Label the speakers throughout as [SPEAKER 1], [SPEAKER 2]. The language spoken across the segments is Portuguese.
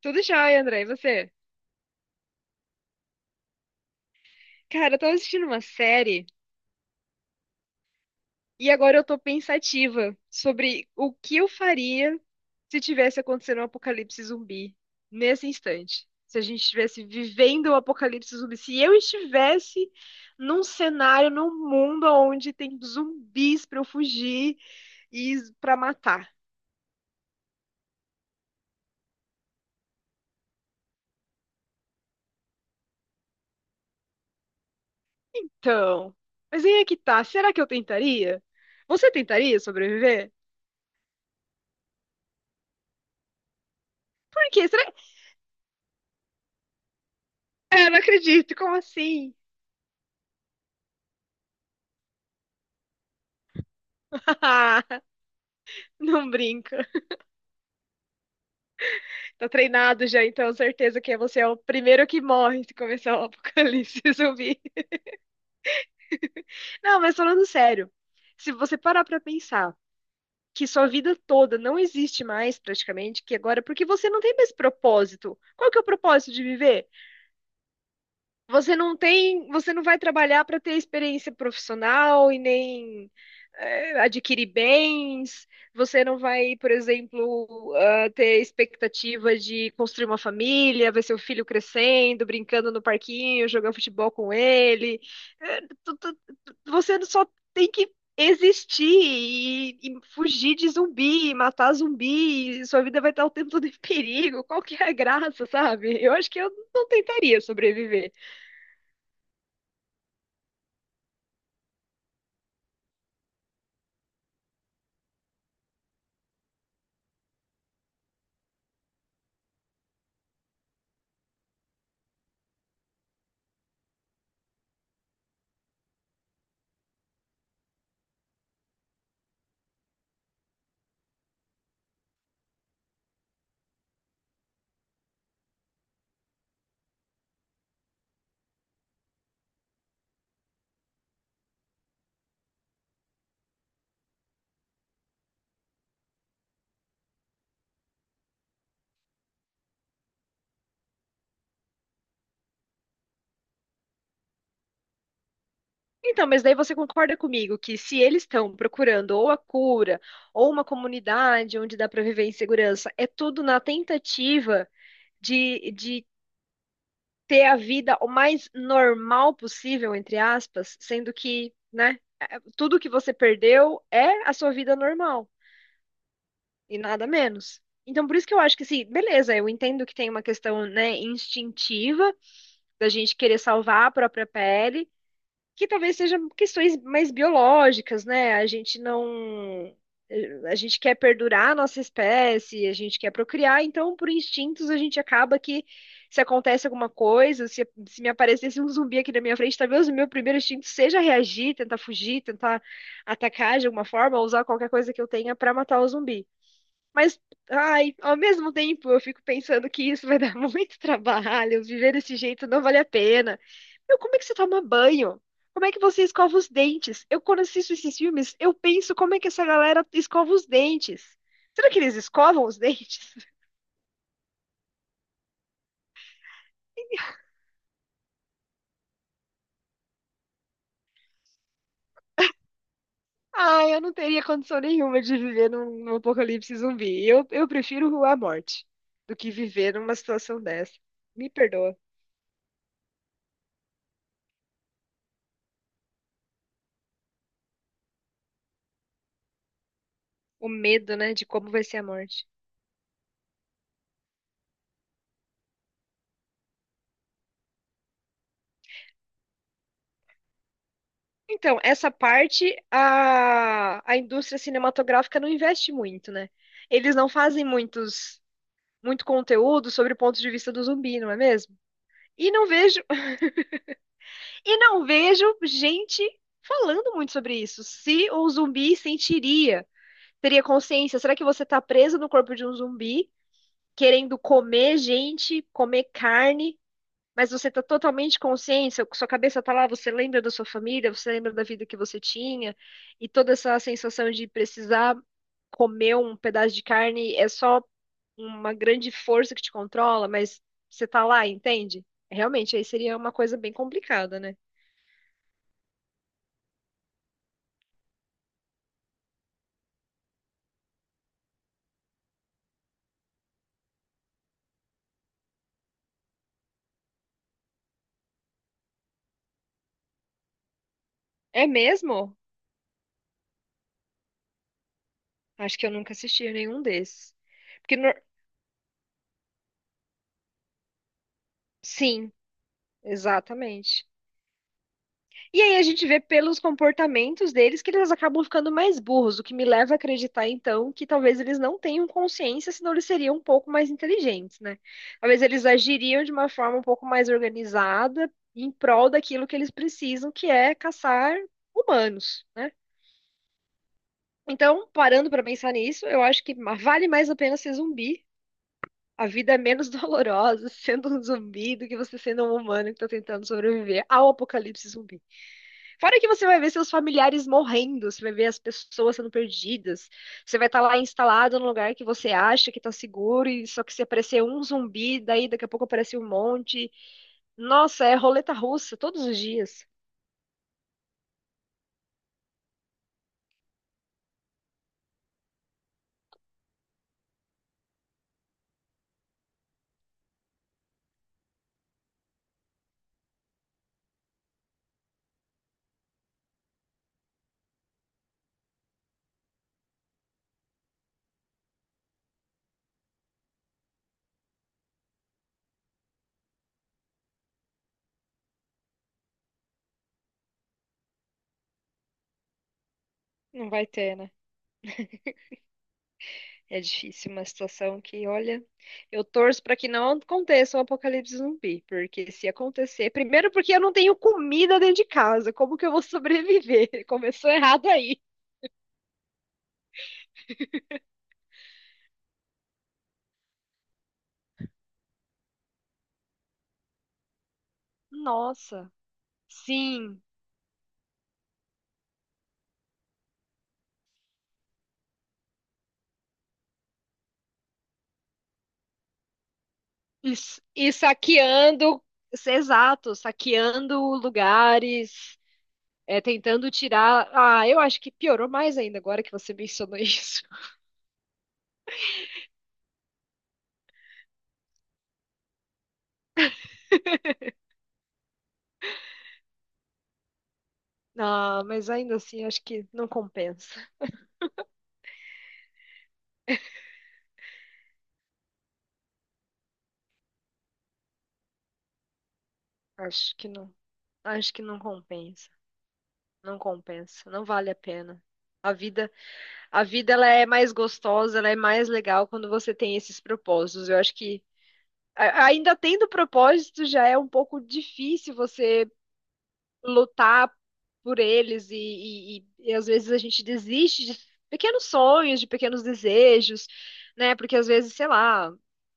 [SPEAKER 1] Tudo jóia, André. E você? Cara, eu tava assistindo uma série e agora eu tô pensativa sobre o que eu faria se tivesse acontecendo um apocalipse zumbi nesse instante. Se a gente estivesse vivendo um apocalipse zumbi, se eu estivesse num cenário, num mundo onde tem zumbis pra eu fugir e pra matar. Então, mas aí é que tá. Será que eu tentaria? Você tentaria sobreviver? Por quê? Será... É, não acredito. Como assim? Não brinca. Tá treinado já, então certeza que você é o primeiro que morre se começar o apocalipse zumbi. Não, mas falando sério, se você parar pra pensar que sua vida toda não existe mais praticamente, que agora porque você não tem mais propósito. Qual que é o propósito de viver? Você não tem, você não vai trabalhar para ter experiência profissional e nem adquirir bens. Você não vai, por exemplo, ah, ter expectativa de construir uma família, ver seu filho crescendo, brincando no parquinho, jogando futebol com ele. Eh, tu- tu- Você só tem que existir e fugir de zumbi, matar zumbi, e sua vida vai estar o tempo todo em perigo. Qual que é a graça, sabe? Eu acho que eu não tentaria sobreviver. Então, mas daí você concorda comigo que se eles estão procurando ou a cura ou uma comunidade onde dá para viver em segurança, é tudo na tentativa de ter a vida o mais normal possível, entre aspas, sendo que, né, é- tudo que você perdeu é a sua vida normal e nada menos. Então, por isso que eu acho que, assim, beleza, eu entendo que tem uma questão, né, instintiva da gente querer salvar a própria pele. Que talvez sejam questões mais biológicas, né? A gente não. A gente quer perdurar a nossa espécie, a gente quer procriar, então, por instintos, a gente acaba que, se acontece alguma coisa, se me aparecesse um zumbi aqui na minha frente, talvez o meu primeiro instinto seja reagir, tentar fugir, tentar atacar de alguma forma, ou usar qualquer coisa que eu tenha para matar o zumbi. Mas, ai, ao mesmo tempo, eu fico pensando que isso vai dar muito trabalho, viver desse jeito não vale a pena. Meu, como é que você toma banho? Como é que você escova os dentes? Eu, quando assisto esses filmes, eu penso como é que essa galera escova os dentes. Será que eles escovam os dentes? Ai, eu não teria condição nenhuma de viver num, num apocalipse zumbi. Eu, prefiro a morte do que viver numa situação dessa. Me perdoa. O medo, né, de como vai ser a morte. Então, essa parte a indústria cinematográfica não investe muito, né? Eles não fazem muito conteúdo sobre o ponto de vista do zumbi, não é mesmo? E não vejo, e não vejo gente falando muito sobre isso. Se o zumbi sentiria, teria consciência, será que você está preso no corpo de um zumbi, querendo comer gente, comer carne, mas você está totalmente consciente, seu- sua cabeça está lá, você lembra da sua família, você lembra da vida que você tinha, e toda essa sensação de precisar comer um pedaço de carne é só uma grande força que te controla, mas você tá lá, entende? Realmente, aí seria uma coisa bem complicada, né? É mesmo? Acho que eu nunca assisti a nenhum desses. Porque, sim, exatamente. E aí a gente vê pelos comportamentos deles que eles acabam ficando mais burros, o que me leva a acreditar, então, que talvez eles não tenham consciência, senão eles seriam um pouco mais inteligentes, né? Talvez eles agiriam de uma forma um pouco mais organizada em prol daquilo que eles precisam, que é caçar humanos, né? Então, parando pra pensar nisso, eu acho que vale mais a pena ser zumbi. A vida é menos dolorosa sendo um zumbi do que você sendo um humano que tá tentando sobreviver ao apocalipse zumbi. Fora que você vai ver seus familiares morrendo, você vai ver as pessoas sendo perdidas, você vai estar lá instalado num lugar que você acha que tá seguro, e só que se aparecer um zumbi, daí daqui a pouco aparece um monte. Nossa, é roleta russa todos os dias. Não vai ter, né? É difícil uma situação que, olha, eu torço para que não aconteça um apocalipse zumbi, porque se acontecer, primeiro porque eu não tenho comida dentro de casa, como que eu vou sobreviver? Começou errado aí. Nossa, sim, e saqueando, exato, saqueando lugares, é, tentando tirar. Ah, eu acho que piorou mais ainda agora que você mencionou isso. Ah, mas ainda assim, acho que não compensa. Acho que não, acho que não compensa. Não compensa, não vale a pena. A vida, a vida ela é mais gostosa, ela é mais legal quando você tem esses propósitos. Eu acho que ainda tendo propósito já é um pouco difícil você lutar por eles e às vezes a gente desiste de pequenos sonhos, de pequenos desejos, né? Porque às vezes, sei lá,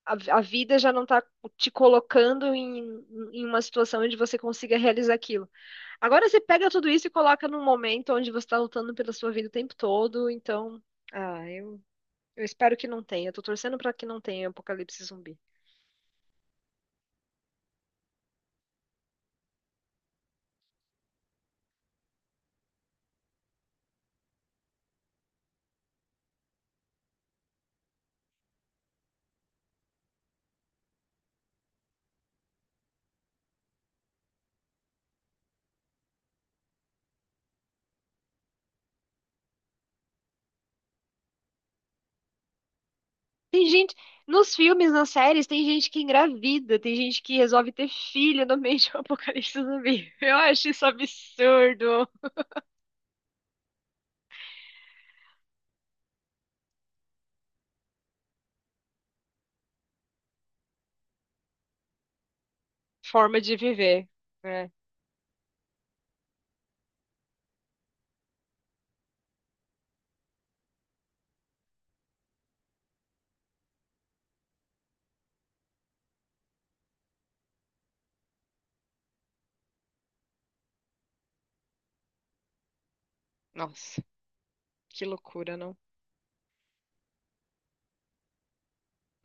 [SPEAKER 1] a vida já não está te colocando em, em uma situação onde você consiga realizar aquilo. Agora você pega tudo isso e coloca num momento onde você tá lutando pela sua vida o tempo todo, então, ah, eu, eu espero que não tenha. Eu tô torcendo pra que não tenha apocalipse zumbi. Tem gente, nos filmes, nas séries, tem gente que engravida, tem gente que resolve ter filho no meio de um apocalipse zumbi. Eu acho isso absurdo. Forma de viver, né? Nossa, que loucura, não?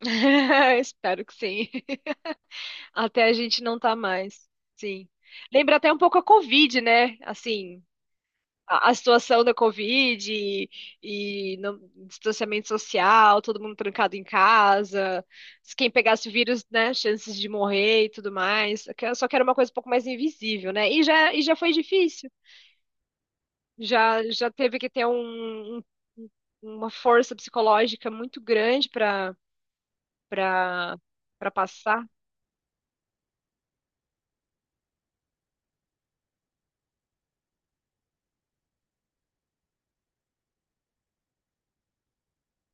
[SPEAKER 1] Espero que sim. Até a gente não tá mais. Sim. Lembra até um pouco a Covid, né? Assim, a situação da Covid e distanciamento social, todo mundo trancado em casa, se quem pegasse o vírus, né, chances de morrer e tudo mais. Só que era uma coisa um pouco mais invisível, né? E já foi difícil. Já teve que ter uma força psicológica muito grande para para passar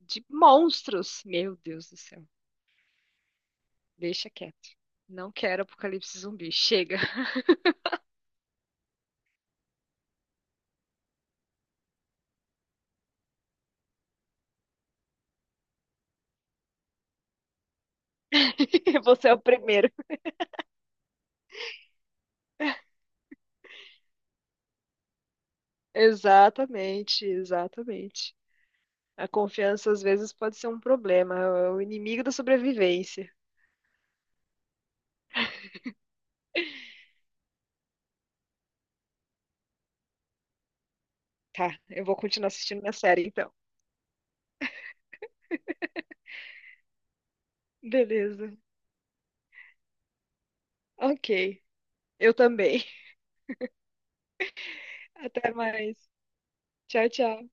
[SPEAKER 1] de monstros. Meu Deus do céu. Deixa quieto. Não quero apocalipse zumbi. Chega. Você é o primeiro. Exatamente, exatamente. A confiança às vezes pode ser um problema, é o inimigo da sobrevivência. Tá, eu vou continuar assistindo minha série então. Beleza. Ok. Eu também. Até mais. Tchau, tchau.